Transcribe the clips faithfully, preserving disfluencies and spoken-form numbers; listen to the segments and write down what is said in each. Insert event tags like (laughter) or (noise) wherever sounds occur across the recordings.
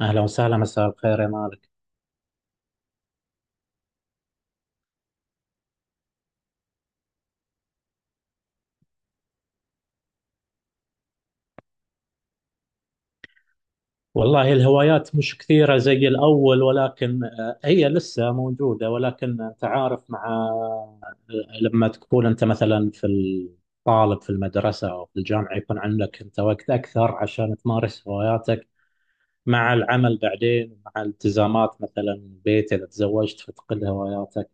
أهلا وسهلا، مساء الخير يا مالك. والله الهوايات مش كثيرة زي الأول، ولكن آه، هي لسه موجودة. ولكن أنت عارف، مع آه، لما تكون أنت مثلا في الطالب في المدرسة أو في الجامعة يكون عندك أنت وقت أكثر عشان تمارس هواياتك مع العمل، بعدين مع التزامات مثلا البيت إذا تزوجت فتقل هواياتك.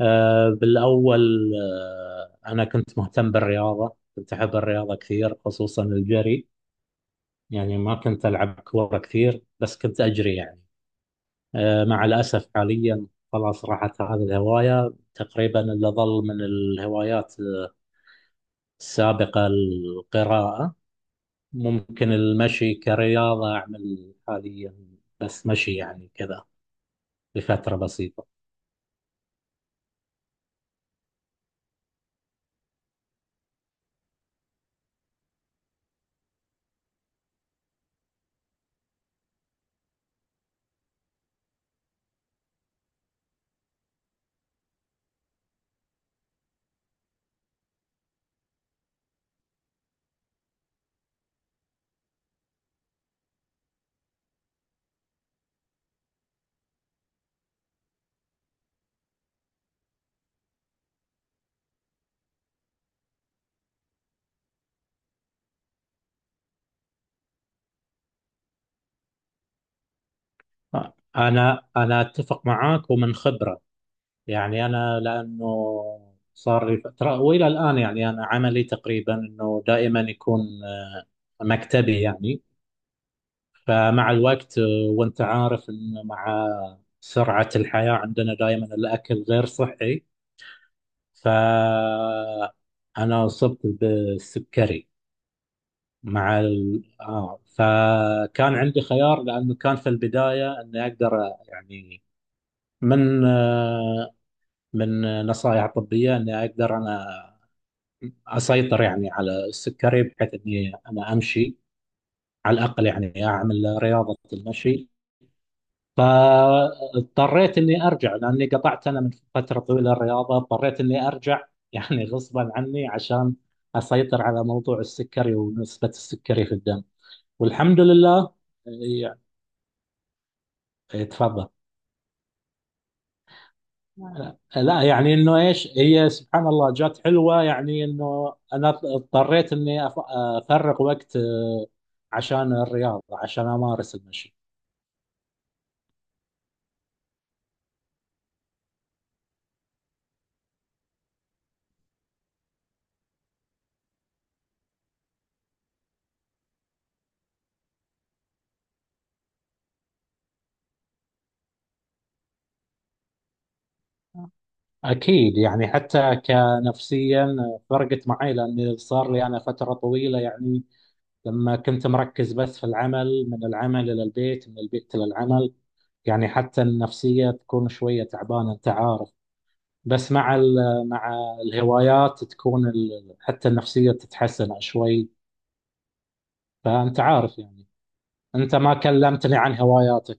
آه، بالأول آه، أنا كنت مهتم بالرياضة، كنت أحب الرياضة كثير، خصوصا الجري. يعني ما كنت ألعب كورة كثير بس كنت أجري يعني. آه، مع الأسف حاليا خلاص راحت هذه الهواية تقريبا. اللي ظل من الهوايات السابقة القراءة، ممكن المشي كرياضة أعمل حاليا بس مشي يعني كذا لفترة بسيطة. آه، أنا أنا أتفق معاك ومن خبرة يعني. أنا لأنه صار لي فترة وإلى الآن يعني أنا عملي تقريبا أنه دائما يكون آه، مكتبي يعني. فمع الوقت آه، وانت عارف ان مع سرعة الحياة عندنا دائما الاكل غير صحي، فانا اصبت بالسكري. مع ال... آه فكان عندي خيار لانه كان في البداية اني اقدر، آه، يعني من آه، من نصائح طبية اني اقدر انا اسيطر يعني على السكري بحيث اني انا امشي على الاقل، يعني اعمل رياضة المشي. فاضطريت اني ارجع لاني قطعت انا من فتره طويله الرياضه، اضطريت اني ارجع يعني (laughs) غصبا عني عشان اسيطر على موضوع السكري ونسبه السكري في الدم، والحمد لله يعني. تفضل. لا يعني انه ايش هي، سبحان الله جات حلوه، يعني انه انا اضطريت اني أف- افرغ وقت آه، عشان الرياضه عشان امارس المشي. أكيد يعني، حتى كنفسيا فرقت معي، لأن صار لي أنا فترة طويلة يعني لما كنت مركز بس في العمل، من العمل إلى البيت من البيت إلى العمل، يعني حتى النفسية تكون شوية تعبانة، أنت عارف. بس مع ال- مع الهوايات تكون ال- حتى النفسية تتحسن شوي. فأنت عارف يعني، أنت ما كلمتني عن هواياتك.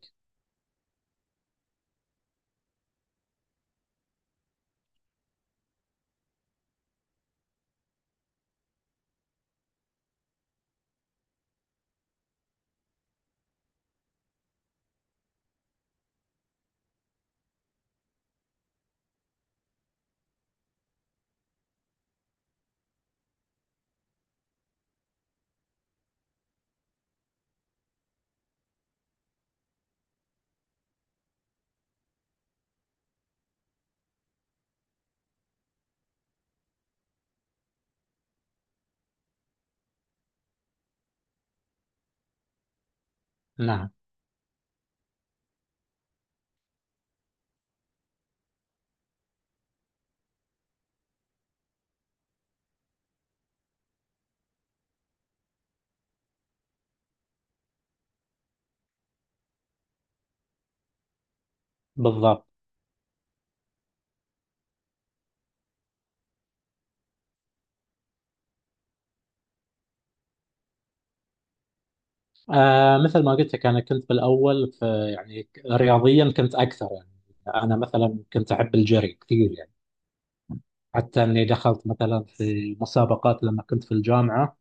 نعم، بالضبط. آه مثل ما قلت لك انا كنت بالاول في يعني، ك- رياضيا كنت اكثر يعني. انا مثلا كنت احب الجري كثير يعني، حتى اني دخلت مثلا في مسابقات لما كنت في الجامعه،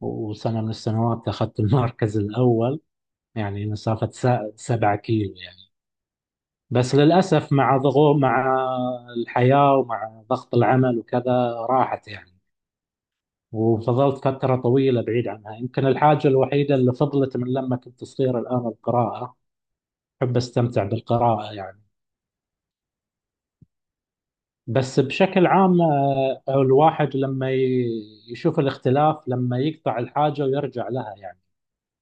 وسنه من السنوات اخذت المركز الاول، يعني مسافه س- سبعة كيلو يعني. بس للاسف مع ضغوط مع الحياه ومع ضغط العمل وكذا راحت يعني، وفضلت فتره طويله بعيد عنها. يمكن الحاجه الوحيده اللي فضلت من لما كنت صغير الان القراءه، أحب أستمتع بالقراءة يعني. بس بشكل عام آه، الواحد لما ي- يشوف الاختلاف لما يقطع الحاجة ويرجع لها يعني،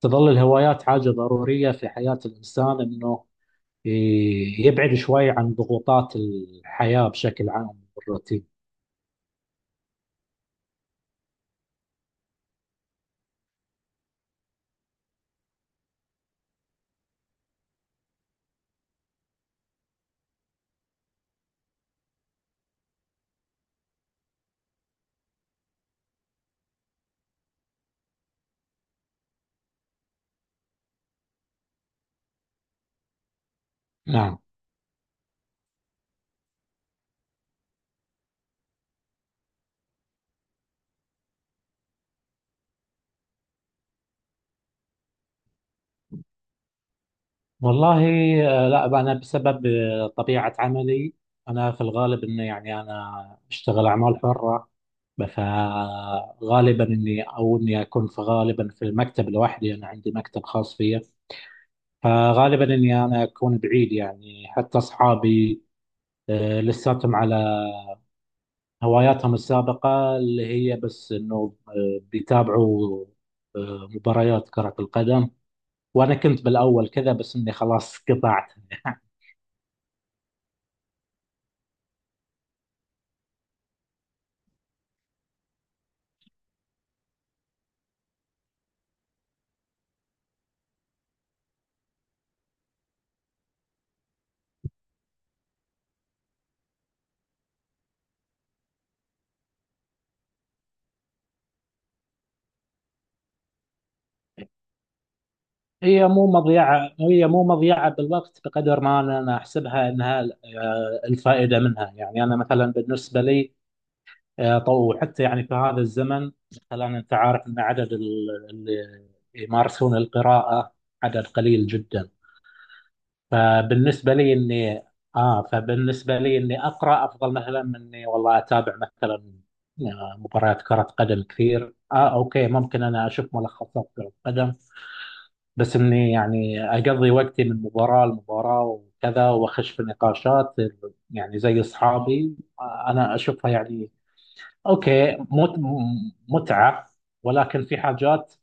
تظل الهوايات حاجة ضرورية في حياة الإنسان، إنه ي- يبعد شوي عن ضغوطات الحياة بشكل عام والروتين. نعم، والله آه، لا أنا بسبب آه، طبيعة عملي، أنا في الغالب إنه يعني أنا أشتغل أعمال حرة. فغالبا اني او اني اكون في غالبا في المكتب لوحدي، انا عندي مكتب خاص فيا. فغالبا اني انا اكون بعيد يعني، حتى اصحابي آه، لساتهم على هواياتهم السابقة اللي هي بس انه آه، بيتابعوا آه، مباريات كرة القدم، وانا كنت بالاول كذا بس اني خلاص قطعت. (laughs) هي مو مضيعة هي مو مضيعة بالوقت بقدر ما أنا أنا أحسبها أنها آه، الفائدة منها يعني. أنا مثلا بالنسبة لي، آه، طو- وحتى يعني في هذا الزمن مثلا انت عارف ان عدد ال- اللي يمارسون القراءة عدد قليل جدا. فبالنسبة لي اني اه فبالنسبة لي اني اقرا افضل مثلا من اني والله اتابع مثلا آه، مباريات كرة قدم كثير. اه اوكي، ممكن انا اشوف ملخصات كرة قدم بس اني يعني اقضي وقتي من مباراة لمباراة وكذا واخش في نقاشات يعني زي اصحابي. آه، انا اشوفها يعني اوكي مت... م- متعة، ولكن في حاجات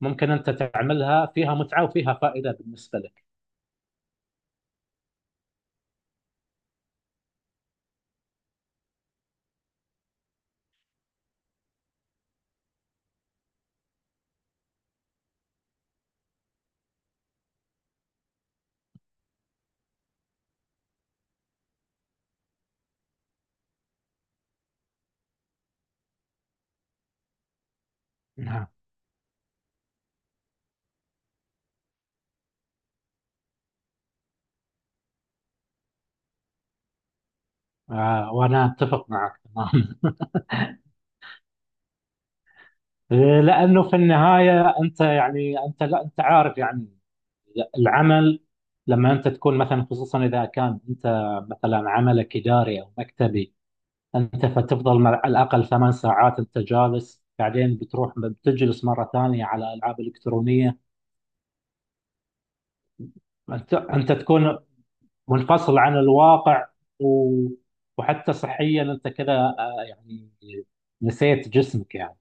ممكن انت تعملها فيها متعة وفيها فائدة بالنسبة لك. نعم. آه وانا اتفق معك تمام. (laughs) لانه في النهاية انت يعني، انت لا، انت عارف يعني العمل لما انت تكون مثلا، خصوصا اذا كان انت مثلا عملك اداري او مكتبي، انت فتفضل مع- على الاقل ثمان ساعات انت جالس، بعدين بتروح بتجلس مرة ثانية على العاب الكترونية. انت انت تكون منفصل عن الواقع و... وحتى صحيا انت كذا آه، يعني نسيت جسمك يعني.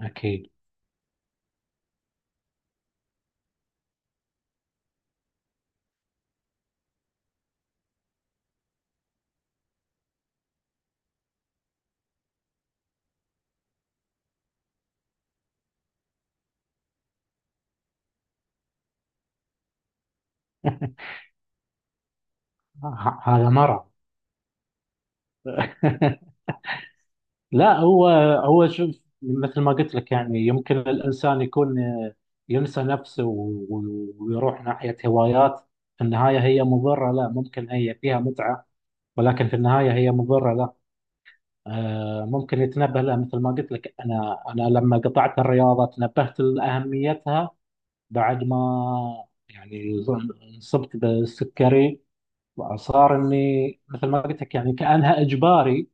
اكيد. (laughs) ه- هذا مرض. (laughs) لا، هو هو شوف مثل ما قلت لك، يعني يمكن الانسان يكون آه، ينسى نفسه و- و- ويروح ناحية هوايات في النهاية هي مضرة. لا ممكن هي فيها متعة، ولكن في النهاية هي مضرة. لا آه، ممكن يتنبه لها. مثل ما قلت لك، انا انا لما قطعت الرياضة تنبهت لأهميتها بعد ما يعني انصبت بالسكري. صار اني مثل ما قلت لك يعني كانها اجباري،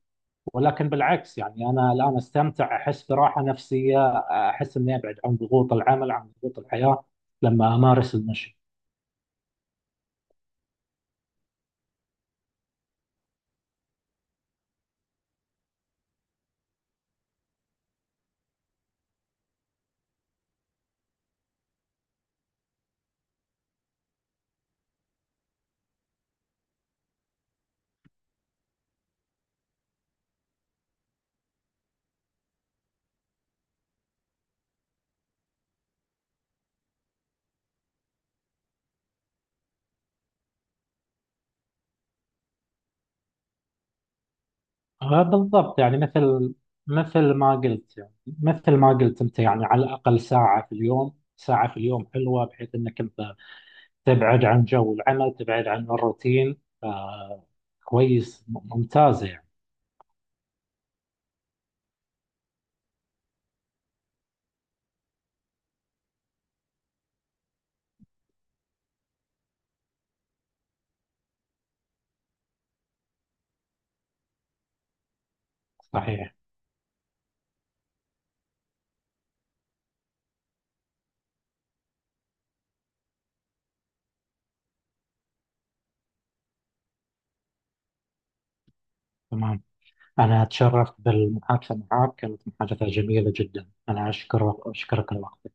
ولكن بالعكس يعني انا الان استمتع، احس براحه نفسيه، احس اني ابعد عن ضغوط العمل عن ضغوط الحياه لما امارس المشي. آه، بالضبط يعني، مثل مثل ما قلت يعني مثل ما قلت انت يعني على الاقل ساعه في اليوم، ساعه في اليوم حلوه بحيث انك انت تبعد عن جو العمل تبعد عن الروتين. آه، كويس م- ممتازه. صحيح، تمام. أنا أتشرف بالمحادثة معك، كانت محادثة جميلة جدا، أنا أشكرك أشكرك الوقت.